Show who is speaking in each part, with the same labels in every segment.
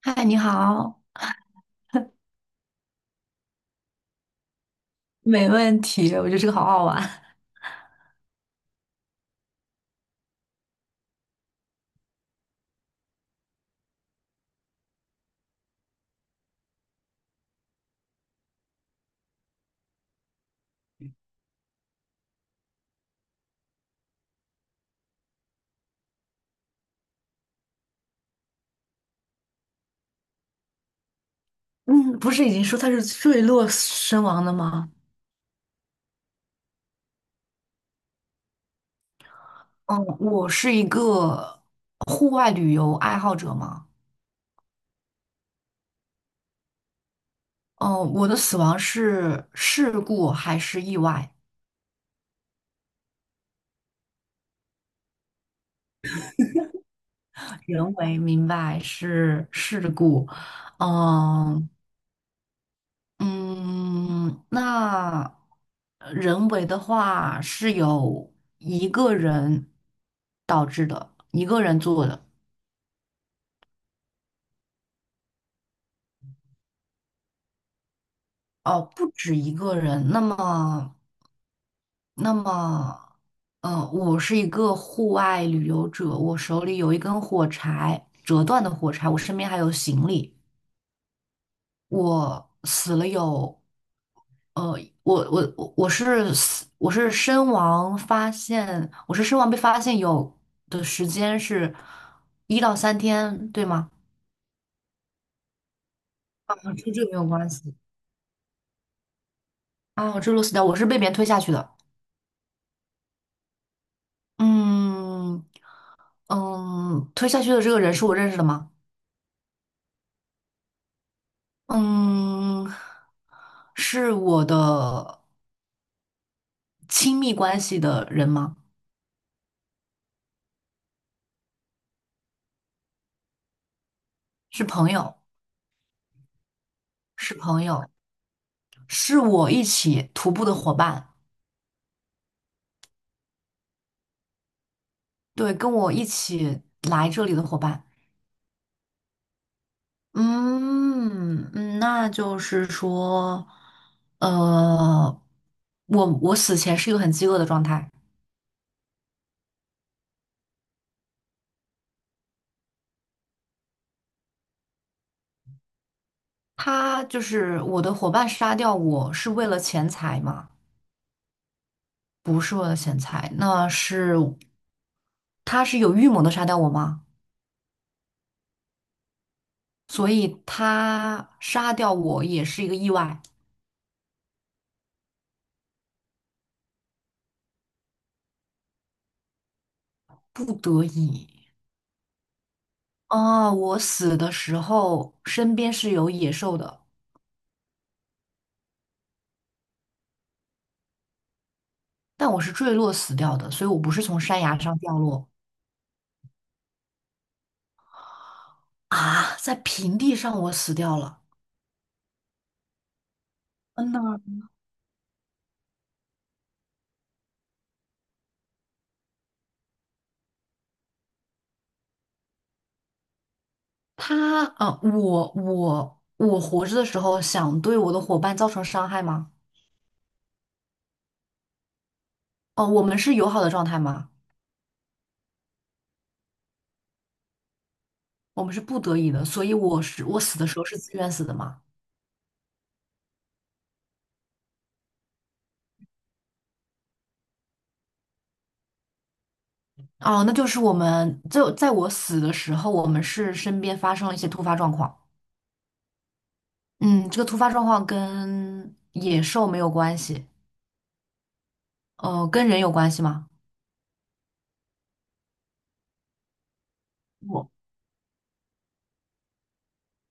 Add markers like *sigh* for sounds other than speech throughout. Speaker 1: 嗨，你好。没问题，我觉得这个好好玩。*laughs* 嗯，不是已经说他是坠落身亡的吗？嗯，我是一个户外旅游爱好者嘛。嗯，我的死亡是事故还是意外？人为明白是事故，嗯嗯，那人为的话是有一个人导致的，一个人做的。哦，不止一个人。那么,我是一个户外旅游者，我手里有一根火柴，折断的火柴，我身边还有行李。我死了有，呃，我是死，我是身亡发现，我是身亡被发现有的时间是一到三天，对吗？啊，这个没有关系。啊，我坠落死掉，我是被别人推下去的。嗯推下去的这个人是我认识的吗？嗯，是我的亲密关系的人吗？是朋友，是朋友，是我一起徒步的伙伴，对，跟我一起来这里的伙伴。嗯,那就是说，呃，我我死前是一个很饥饿的状态。他就是我的伙伴杀掉我是为了钱财吗？不是为了钱财，那是他是有预谋的杀掉我吗？所以他杀掉我也是一个意外，不得已。哦，我死的时候身边是有野兽的，但我是坠落死掉的，所以我不是从山崖上掉落。啊，在平地上我死掉了。嗯呐，他，啊，我我我活着的时候想对我的伙伴造成伤害吗？哦，我们是友好的状态吗？我们是不得已的，所以我死的时候是自愿死的吗？哦，那就是我们就在我死的时候，我们是身边发生了一些突发状况。嗯，这个突发状况跟野兽没有关系，跟人有关系吗？我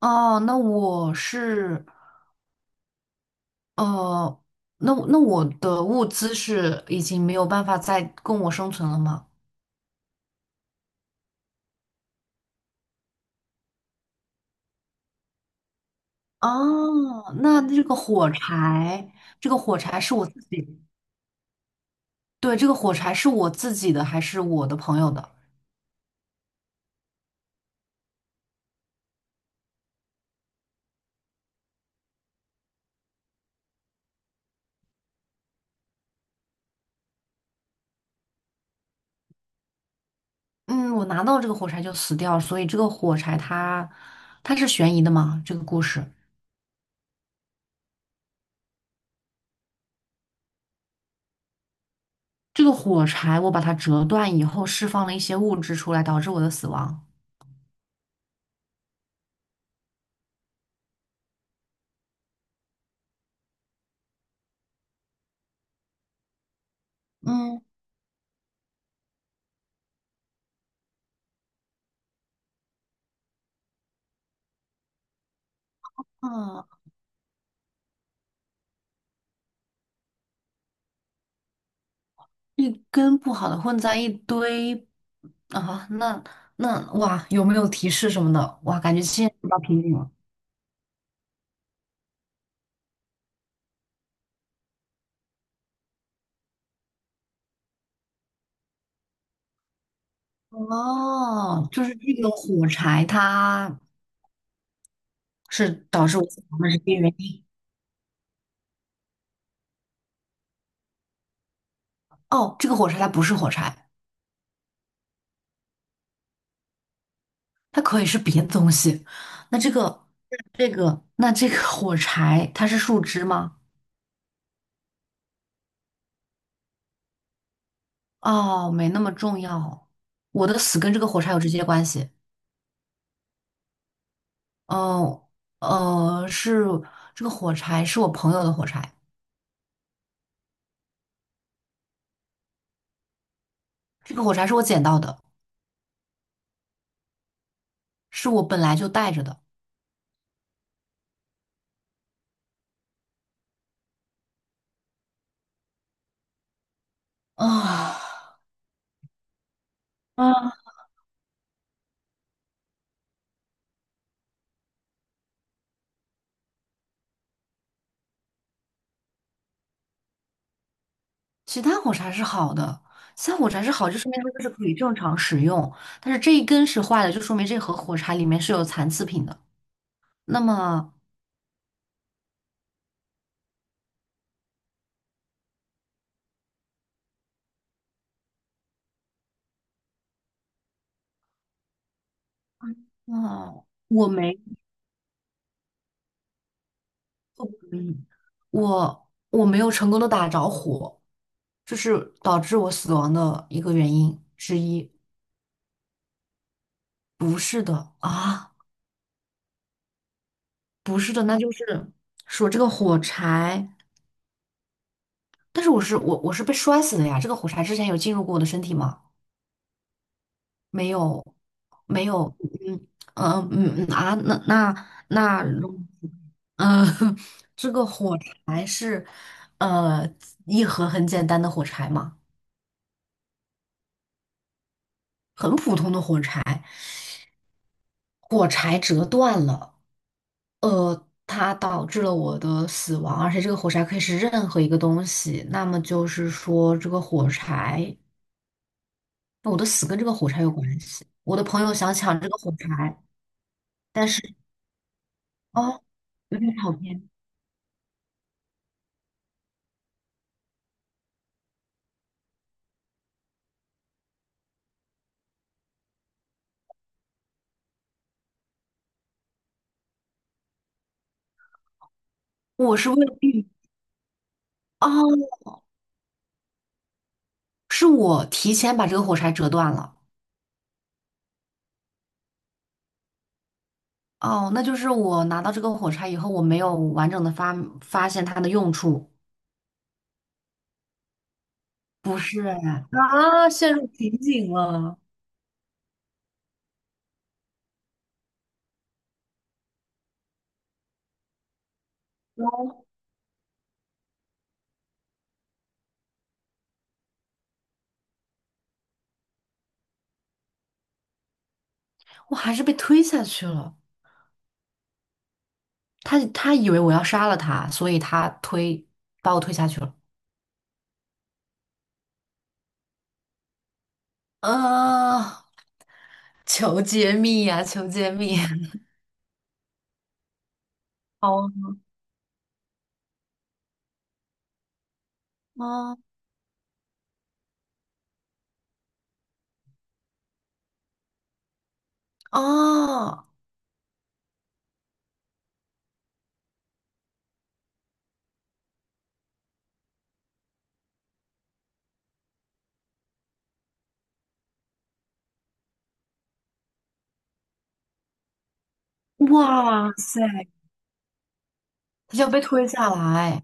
Speaker 1: 哦，呃，那那我的物资是已经没有办法再供我生存了吗？哦，那这个火柴，这个火柴是我自己，对，这个火柴是我自己的还是我的朋友的？嗯，我拿到这个火柴就死掉，所以这个火柴它是悬疑的吗？这个故事，这个火柴我把它折断以后，释放了一些物质出来，导致我的死亡。嗯，啊，一根不好的混在一堆。啊，那那哇，有没有提示什么的？哇，感觉现在遇到瓶颈了。哦，就是这个火柴它是导致我死亡的直接原因。哦，这个火柴它不是火柴。它可以是别的东西。那这个，那这个 *laughs* 火柴，它是树枝吗？哦，没那么重要。我的死跟这个火柴有直接关系。哦，是这个火柴是我朋友的火柴，这个火柴是我捡到的，是我本来就带着的。啊、啊，其他火柴是好的，其他火柴是好，就说明它就是可以正常使用。但是这一根是坏的，就说明这盒火柴里面是有残次品的。那么，嗯，我没嗯，我我没有成功的打着火，这是导致我死亡的一个原因之一。不是的啊，不是的，那就是说这个火柴，但是我我是被摔死的呀。这个火柴之前有进入过我的身体吗？没有，没有，嗯嗯嗯啊，那那那，嗯，*laughs* 这个火是呃一盒很简单的火柴嘛，很普通的火柴，火柴折断了。它导致了我的死亡，而且这个火柴可以是任何一个东西。那么就是说，这个火柴，我的死跟这个火柴有关系。我的朋友想抢这个火柴，但是哦，有点跑偏。我是为了避哦，是我提前把这个火柴折断了。哦，那就是我拿到这个火柴以后，我没有完整的发现它的用处。不是哎啊，陷入瓶颈了，我还是被推下去了。他以为我要杀了他，所以他推啊，求揭秘呀、求揭秘！*laughs* 哦哦啊！哇塞，他就要被推下来。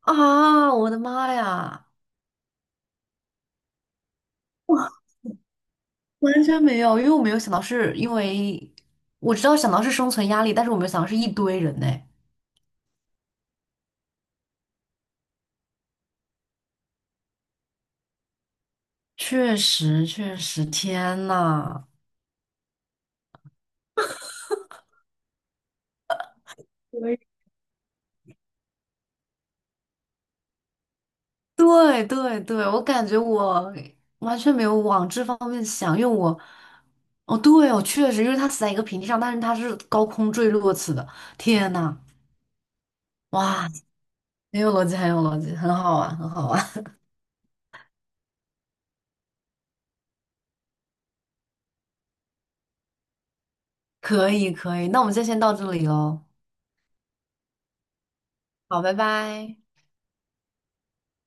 Speaker 1: 啊！我的妈呀，完全没有，因为我没有想到是因为我知道想到是生存压力，但是我没有想到是一堆人呢。确实，确实，天呐！对对对，我感觉我完全没有往这方面想，因为我，哦，对哦，我确实，因为它死在一个平地上，但是它是高空坠落死的。天呐，哇，很有逻辑，很有逻辑，很好玩，很好玩。*laughs* 可以，可以，那我们就先到这里喽。好，拜拜。